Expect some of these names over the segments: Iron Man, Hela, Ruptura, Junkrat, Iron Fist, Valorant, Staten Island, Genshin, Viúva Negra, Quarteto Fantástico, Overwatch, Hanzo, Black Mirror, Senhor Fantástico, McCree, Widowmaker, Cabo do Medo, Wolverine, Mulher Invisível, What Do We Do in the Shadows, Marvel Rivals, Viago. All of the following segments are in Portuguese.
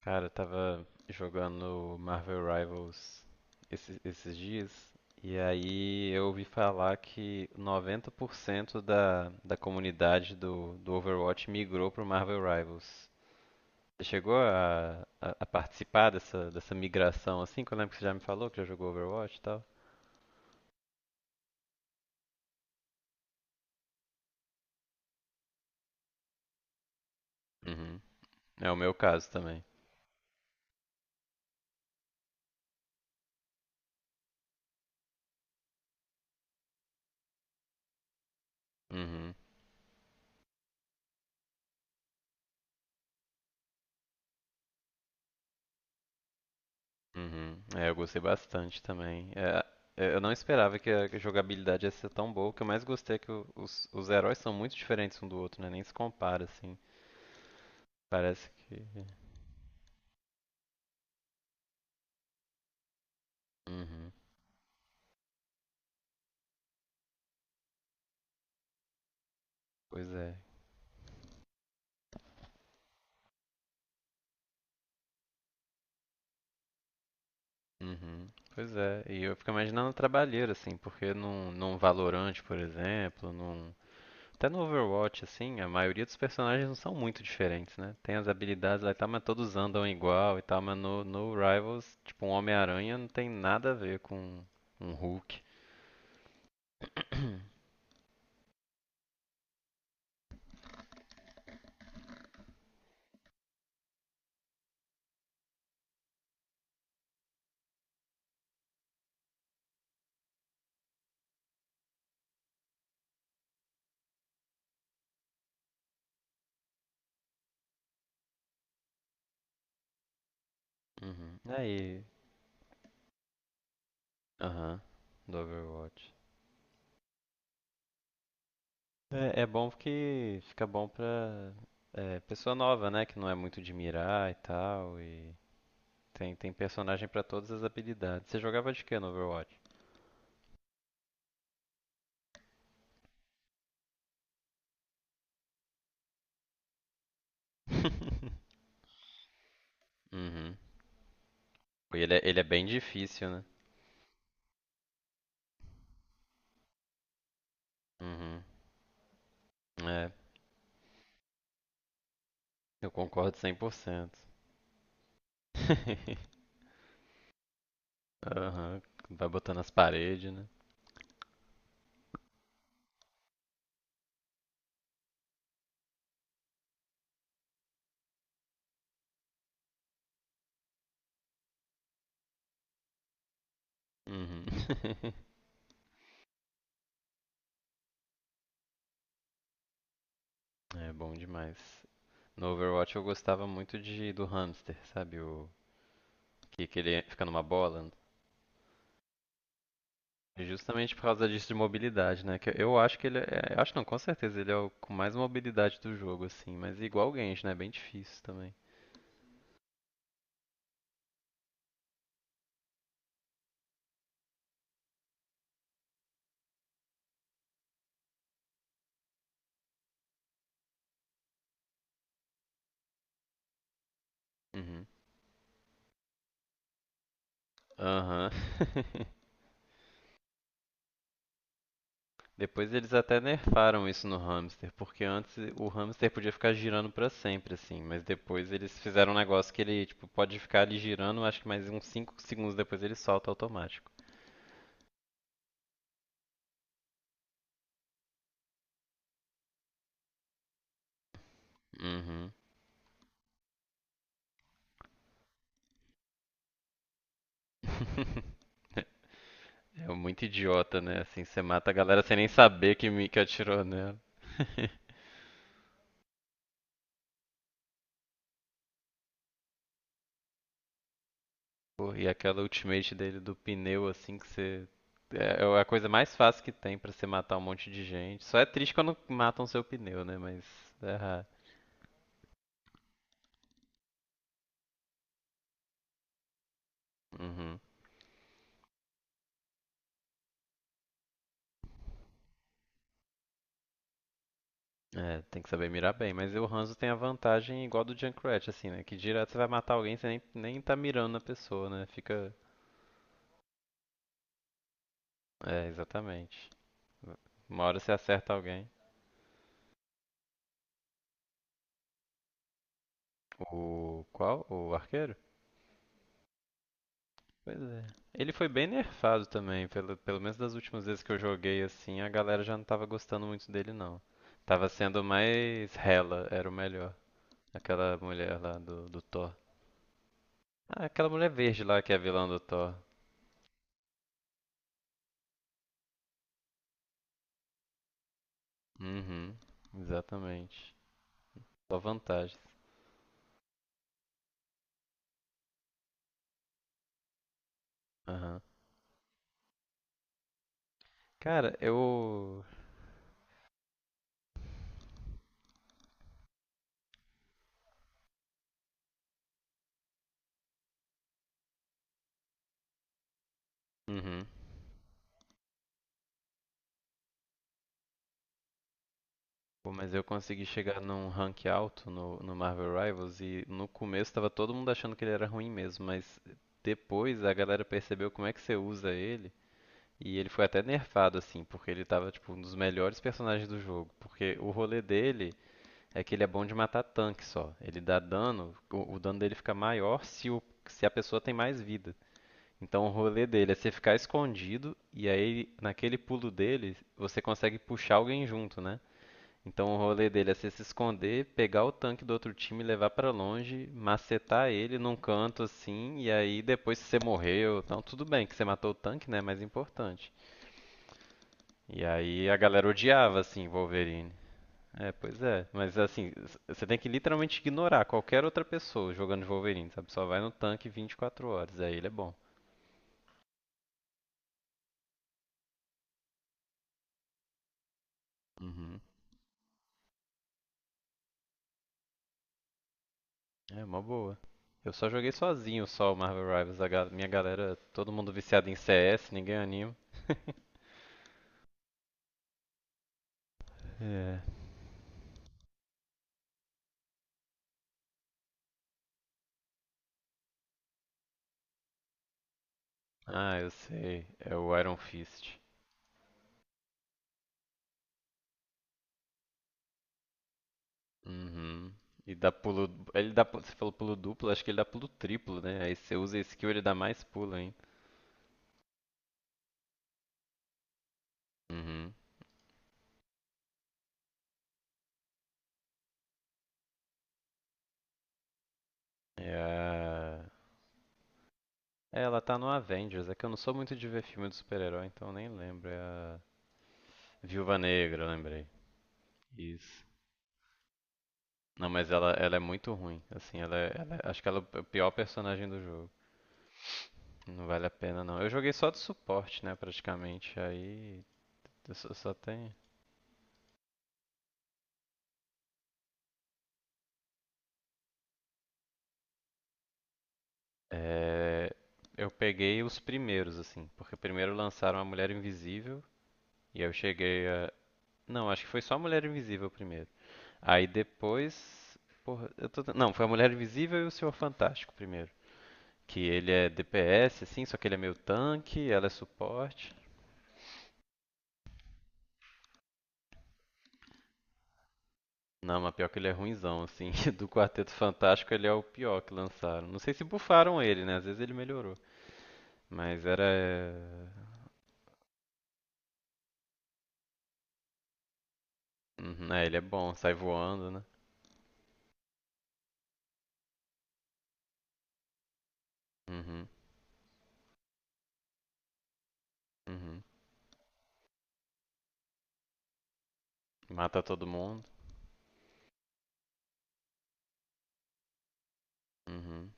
Cara, eu tava jogando Marvel Rivals esses dias e aí eu ouvi falar que 90% da comunidade do Overwatch migrou pro Marvel Rivals. Você chegou a participar dessa migração assim? Que eu lembro que você já me falou que já jogou Overwatch e tal. Uhum. É o meu caso também. Uhum. Uhum. É, eu gostei bastante também. É, eu não esperava que a jogabilidade ia ser tão boa. O que eu mais gostei é que os heróis são muito diferentes um do outro, né? Nem se compara, assim. Parece que. Uhum. Pois é. Uhum. Pois é. E eu fico imaginando a trabalheira, assim, porque num Valorant, por exemplo, num. Até no Overwatch, assim, a maioria dos personagens não são muito diferentes, né? Tem as habilidades lá e tal, mas todos andam igual e tal, mas no Rivals, tipo, um Homem-Aranha não tem nada a ver com um Hulk. Uhum. Aí, aham, do Overwatch. É, é bom porque fica bom pra pessoa nova, né? Que não é muito de mirar e tal. E tem personagem pra todas as habilidades. Você jogava de quê no Overwatch? Pô, ele é bem difícil, né? Uhum. É, eu concordo 100%. Aham, vai botando nas paredes, né? Uhum. É bom demais. No Overwatch eu gostava muito de do hamster, sabe? O que, que ele fica numa bola, justamente por causa disso de mobilidade, né? Que eu acho que ele é, acho não, com certeza ele é o com mais mobilidade do jogo assim, mas igual o Genshin, né? É bem difícil também. Uhum. Aham. Depois eles até nerfaram isso no hamster, porque antes o hamster podia ficar girando pra sempre assim, mas depois eles fizeram um negócio que ele tipo pode ficar ali girando, acho que mais uns 5 segundos depois ele solta automático. Uhum. É muito idiota, né? Assim, você mata a galera sem nem saber que atirou nela. Pô, e aquela ultimate dele do pneu, assim, que você. É a coisa mais fácil que tem pra você matar um monte de gente. Só é triste quando matam seu pneu, né? Mas. É raro. Uhum. É, tem que saber mirar bem. Mas o Hanzo tem a vantagem igual do Junkrat, assim, né? Que direto você vai matar alguém, você nem tá mirando na pessoa, né? Fica. É, exatamente. Uma hora você acerta alguém. O. Qual? O arqueiro? Pois é. Ele foi bem nerfado também, pelo menos das últimas vezes que eu joguei assim, a galera já não tava gostando muito dele não. Tava sendo mais Hela, era o melhor. Aquela mulher lá do Thor. Ah, aquela mulher verde lá que é a vilã do Thor. Uhum, exatamente. Só vantagens. Aham. Cara, eu. Uhum. Pô, mas eu consegui chegar num rank alto no Marvel Rivals e no começo tava todo mundo achando que ele era ruim mesmo, mas depois a galera percebeu como é que você usa ele e ele foi até nerfado assim, porque ele tava tipo um dos melhores personagens do jogo, porque o rolê dele é que ele é bom de matar tanque só. Ele dá dano, o dano dele fica maior se a pessoa tem mais vida. Então o rolê dele é você ficar escondido e aí naquele pulo dele você consegue puxar alguém junto, né? Então o rolê dele é você se esconder, pegar o tanque do outro time, levar pra longe, macetar ele num canto assim, e aí depois se você morreu, então tudo bem que você matou o tanque, né, mas é importante. E aí a galera odiava assim Wolverine. É, pois é, mas assim, você tem que literalmente ignorar qualquer outra pessoa jogando de Wolverine, sabe? Só vai no tanque 24 horas, aí ele é bom. Uhum. É uma boa. Eu só joguei sozinho só o Marvel Rivals, minha galera, todo mundo viciado em CS, ninguém anima. É. Ah, eu sei. É o Iron Fist. Uhum. E dá pulo. Ele dá. Você falou pulo duplo, acho que ele dá pulo triplo, né? Aí você usa a skill, ele dá mais pulo ainda. Uhum. É a... é, ela tá no Avengers. É que eu não sou muito de ver filme de super-herói, então eu nem lembro. É a Viúva Negra, eu lembrei. Isso. Não, mas ela é muito ruim. Assim, acho que ela é o pior personagem do jogo. Não vale a pena, não. Eu joguei só de suporte, né, praticamente. Aí eu só tem. É, eu peguei os primeiros, assim, porque primeiro lançaram a Mulher Invisível, e aí eu cheguei a. Não, acho que foi só a Mulher Invisível primeiro. Aí depois. Porra, eu tô. Não, foi a Mulher Invisível e o Senhor Fantástico primeiro. Que ele é DPS, assim, só que ele é meio tanque, ela é suporte. Não, mas pior que ele é ruinzão, assim. Do Quarteto Fantástico ele é o pior que lançaram. Não sei se bufaram ele, né? Às vezes ele melhorou. Mas era. Uhum, é, ele é bom, sai voando, né? Uhum, uhum. Mata todo mundo. Uhum.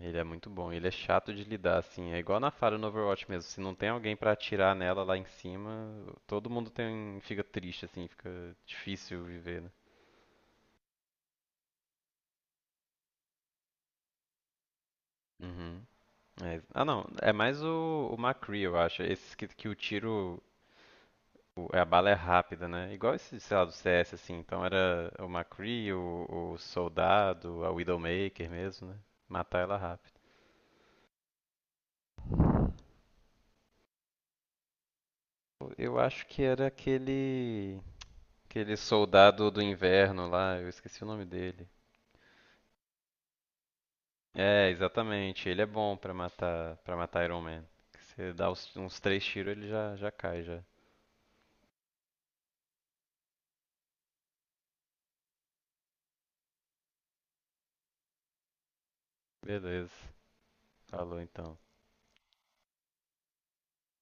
É, ele é muito bom. Ele é chato de lidar, assim. É igual na Fara no Overwatch mesmo. Se não tem alguém pra atirar nela lá em cima, todo mundo tem, fica triste, assim. Fica difícil viver, né? Uhum. É, ah, não. É mais o McCree, eu acho. Esses que o tiro. A bala é rápida, né? Igual esse, sei lá, do CS, assim. Então era o McCree, o Soldado, a Widowmaker mesmo, né? Matar ela rápido. Eu acho que era aquele. Aquele soldado do inverno lá, eu esqueci o nome dele. É, exatamente. Ele é bom pra para matar Iron Man. Você dá uns três tiros, ele já cai já. Beleza. Falou então.